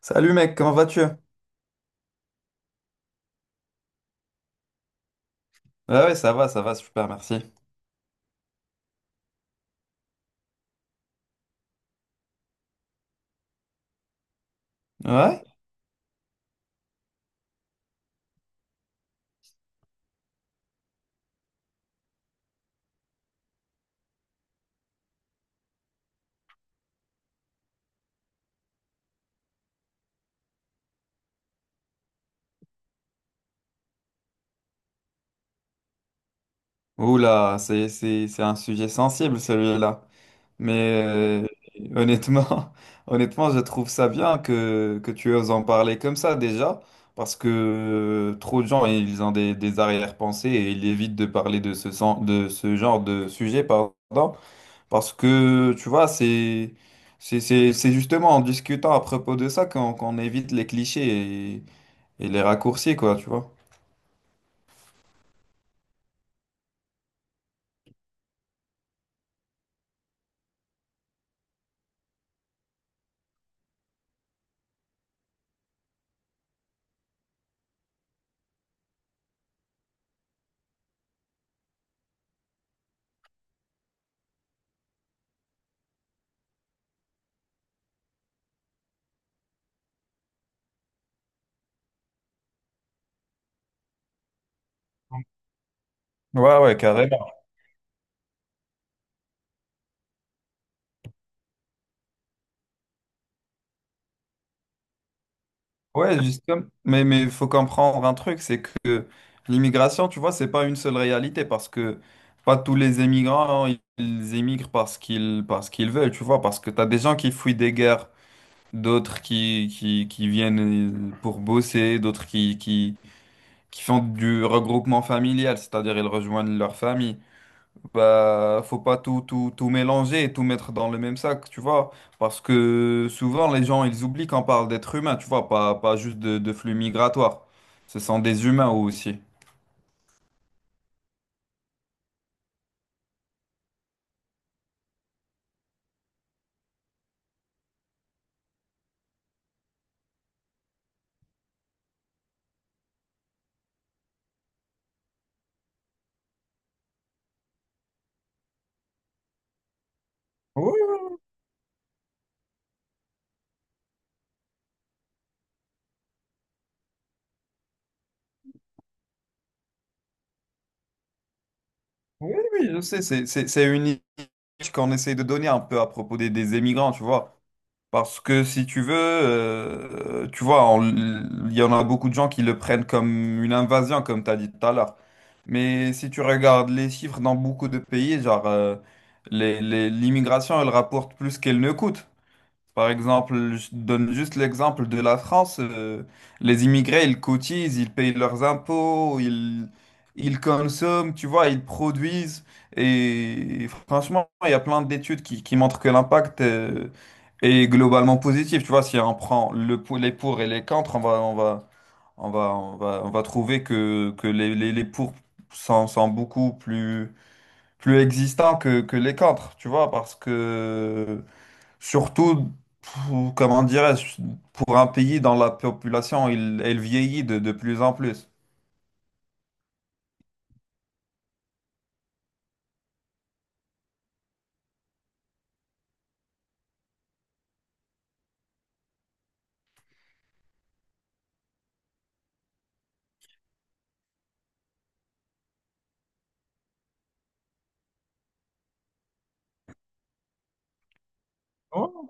Salut mec, comment vas-tu? Ah ouais, ça va, super, merci. Ouais? Oula, c'est un sujet sensible celui-là. Mais honnêtement, honnêtement, je trouve ça bien que tu oses en parler comme ça déjà, parce que trop de gens, ils ont des arrière-pensées et ils évitent de parler de de ce genre de sujet, pardon, parce que, tu vois, c'est... C'est justement en discutant à propos de ça qu'on évite les clichés et, et les raccourcis, quoi, tu vois. Ouais, ouais, carrément. Ouais, justement. Mais il faut comprendre un truc, c'est que l'immigration, tu vois, c'est pas une seule réalité parce que pas tous les émigrants, ils émigrent parce qu'ils veulent, tu vois, parce que t'as des gens qui fuient des guerres, d'autres qui viennent pour bosser, d'autres qui font du regroupement familial, c'est-à-dire ils rejoignent leur famille. Bah, faut pas tout mélanger et tout mettre dans le même sac, tu vois. Parce que souvent, les gens, ils oublient qu'on parle d'êtres humains, tu vois, pas, pas juste de flux migratoires. Ce sont des humains aussi. Oui, oui, oui, oui, je sais, c'est une image qu'on essaie de donner un peu à propos des émigrants, tu vois. Parce que si tu veux, tu vois, on- il y en a beaucoup de gens qui le prennent comme une invasion, comme tu as dit tout à l'heure. Mais si tu regardes les chiffres dans beaucoup de pays, genre, l'immigration, elle rapporte plus qu'elle ne coûte. Par exemple, je donne juste l'exemple de la France. Les immigrés, ils cotisent, ils payent leurs impôts, ils consomment, tu vois, ils produisent. Et franchement, il y a plein d'études qui montrent que l'impact est globalement positif. Tu vois, si on prend les pour et les contre, on va trouver que les pour sont beaucoup plus existants que les contre, tu vois, parce que... Surtout, comment dirais-je, pour un pays dans la population, il, elle vieillit de plus en plus. Ouais.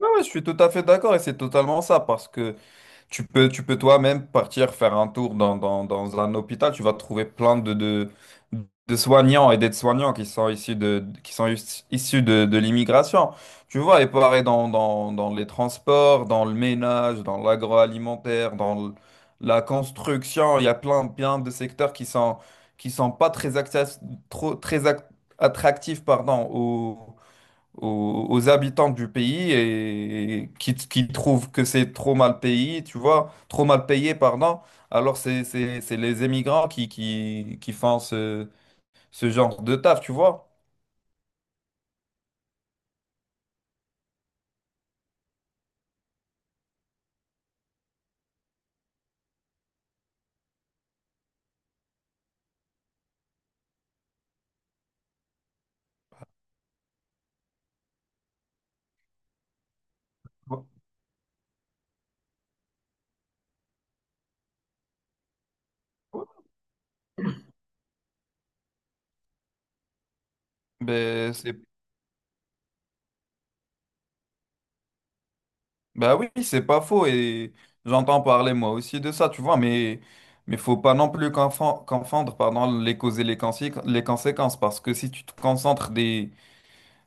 Ouais, ouais, je suis tout à fait d'accord et c'est totalement ça parce que tu peux toi-même partir faire un tour dans un hôpital. Tu vas trouver plein de soignants et d'aides-soignants qui sont issus de l'immigration. Tu vois, et pareil dans les transports, dans le ménage, dans l'agroalimentaire, la construction. Il y a plein de secteurs qui sont pas trop, très ac- attractifs, pardon, aux habitants du pays et qui trouvent que c'est trop mal payé, tu vois, trop mal payé, pardon. Alors c'est les émigrants qui font ce genre de taf, tu vois. Ben, c'est, ben oui, c'est pas faux et j'entends parler moi aussi de ça, tu vois, mais faut pas non plus confondre pardon, les causes et les conséquences parce que si tu te concentres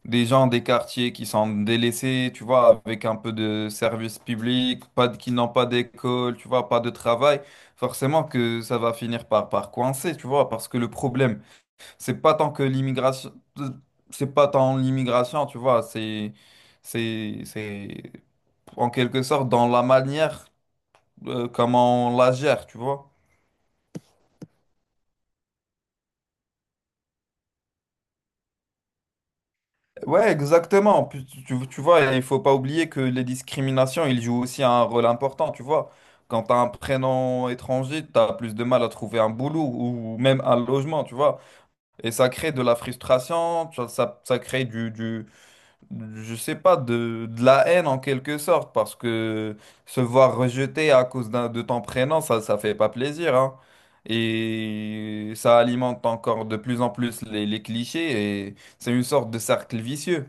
des gens des quartiers qui sont délaissés, tu vois, avec un peu de service public, pas de, qui n'ont pas d'école, tu vois, pas de travail, forcément que ça va finir par coincer, tu vois, parce que le problème, c'est pas tant que l'immigration, c'est pas tant l'immigration, tu vois, c'est en quelque sorte dans la manière, comment on la gère, tu vois. Ouais, exactement. Puis tu vois, il faut pas oublier que les discriminations, ils jouent aussi un rôle important, tu vois. Quand tu as un prénom étranger, tu as plus de mal à trouver un boulot ou même un logement, tu vois. Et ça crée de la frustration, ça crée je sais pas, de la haine en quelque sorte, parce que se voir rejeté à cause de ton prénom, ça fait pas plaisir, hein. Et ça alimente encore de plus en plus les clichés et c'est une sorte de cercle vicieux.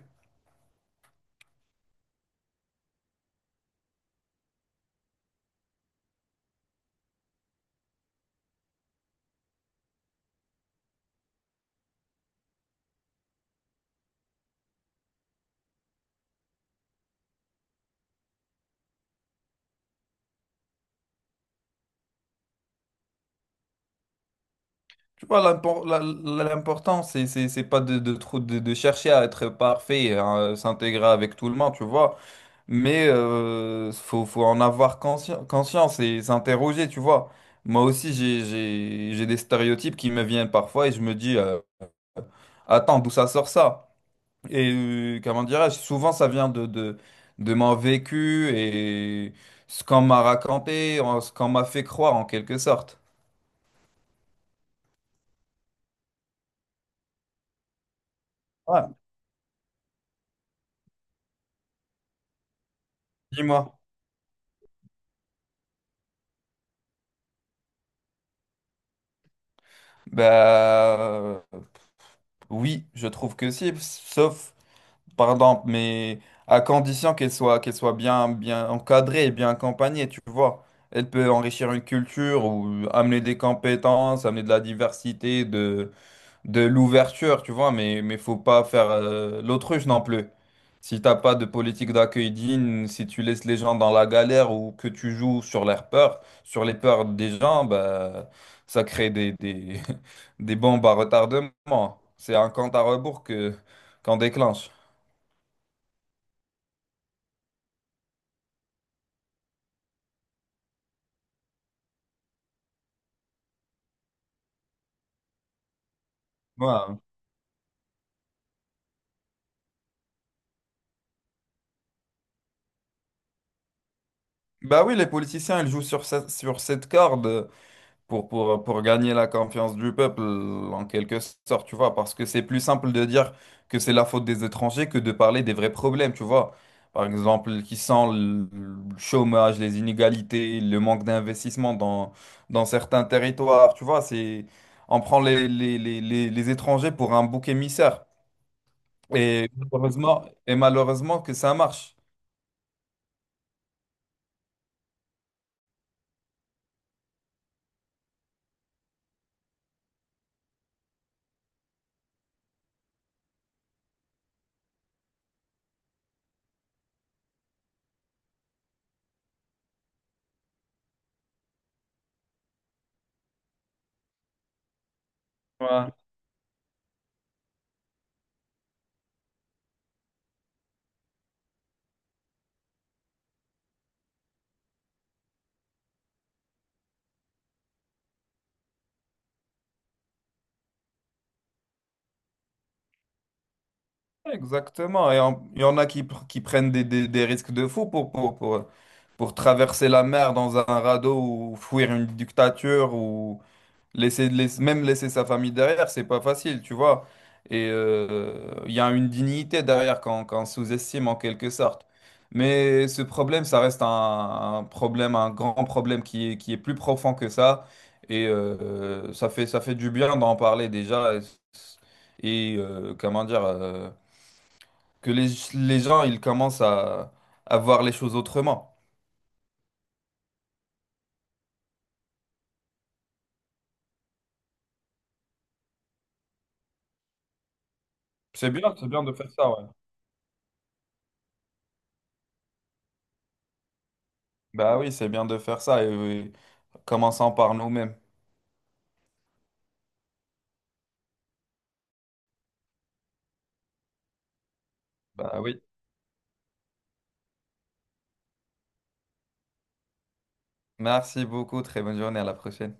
Tu vois, l'important, c'est pas de chercher à être parfait, à s'intégrer avec tout le monde, tu vois. Mais faut en avoir conscience et s'interroger, tu vois. Moi aussi, j'ai des stéréotypes qui me viennent parfois et je me dis, attends, d'où ça sort ça? Et comment dirais-je? Souvent, ça vient de mon vécu et ce qu'on m'a raconté, ce qu'on m'a fait croire en quelque sorte. Ouais. Dis-moi. Bah, oui, je trouve que si, sauf, pardon, mais à condition qu'elle soit bien encadrée et bien accompagnée, tu vois. Elle peut enrichir une culture ou amener des compétences, amener de la diversité, de l'ouverture, tu vois, mais faut pas faire l'autruche non plus. Si t'as pas de politique d'accueil digne, si tu laisses les gens dans la galère ou que tu joues sur leurs peurs, sur les peurs des gens, bah, ça crée des bombes à retardement. C'est un compte à rebours que qu'on déclenche. Ouais. Bah oui, les politiciens, ils jouent sur cette corde pour gagner la confiance du peuple, en quelque sorte, tu vois, parce que c'est plus simple de dire que c'est la faute des étrangers que de parler des vrais problèmes, tu vois. Par exemple, qui sont le chômage, les inégalités, le manque d'investissement dans certains territoires, tu vois, c'est, on prend les étrangers pour un bouc émissaire. Et malheureusement que ça marche. Ouais. Exactement. Et il y en a qui prennent des risques de fou pour traverser la mer dans un radeau ou fuir une dictature ou même laisser sa famille derrière, c'est pas facile, tu vois. Et il y a une dignité derrière qu'on sous-estime en quelque sorte. Mais ce problème, ça reste un problème, un grand problème qui est plus profond que ça. Et ça fait du bien d'en parler déjà. Et, comment dire, que les gens, ils commencent à voir les choses autrement. C'est bien de faire ça, ouais. Bah oui, c'est bien de faire ça. Et, oui, commençons par nous-mêmes. Bah oui. Merci beaucoup. Très bonne journée. À la prochaine.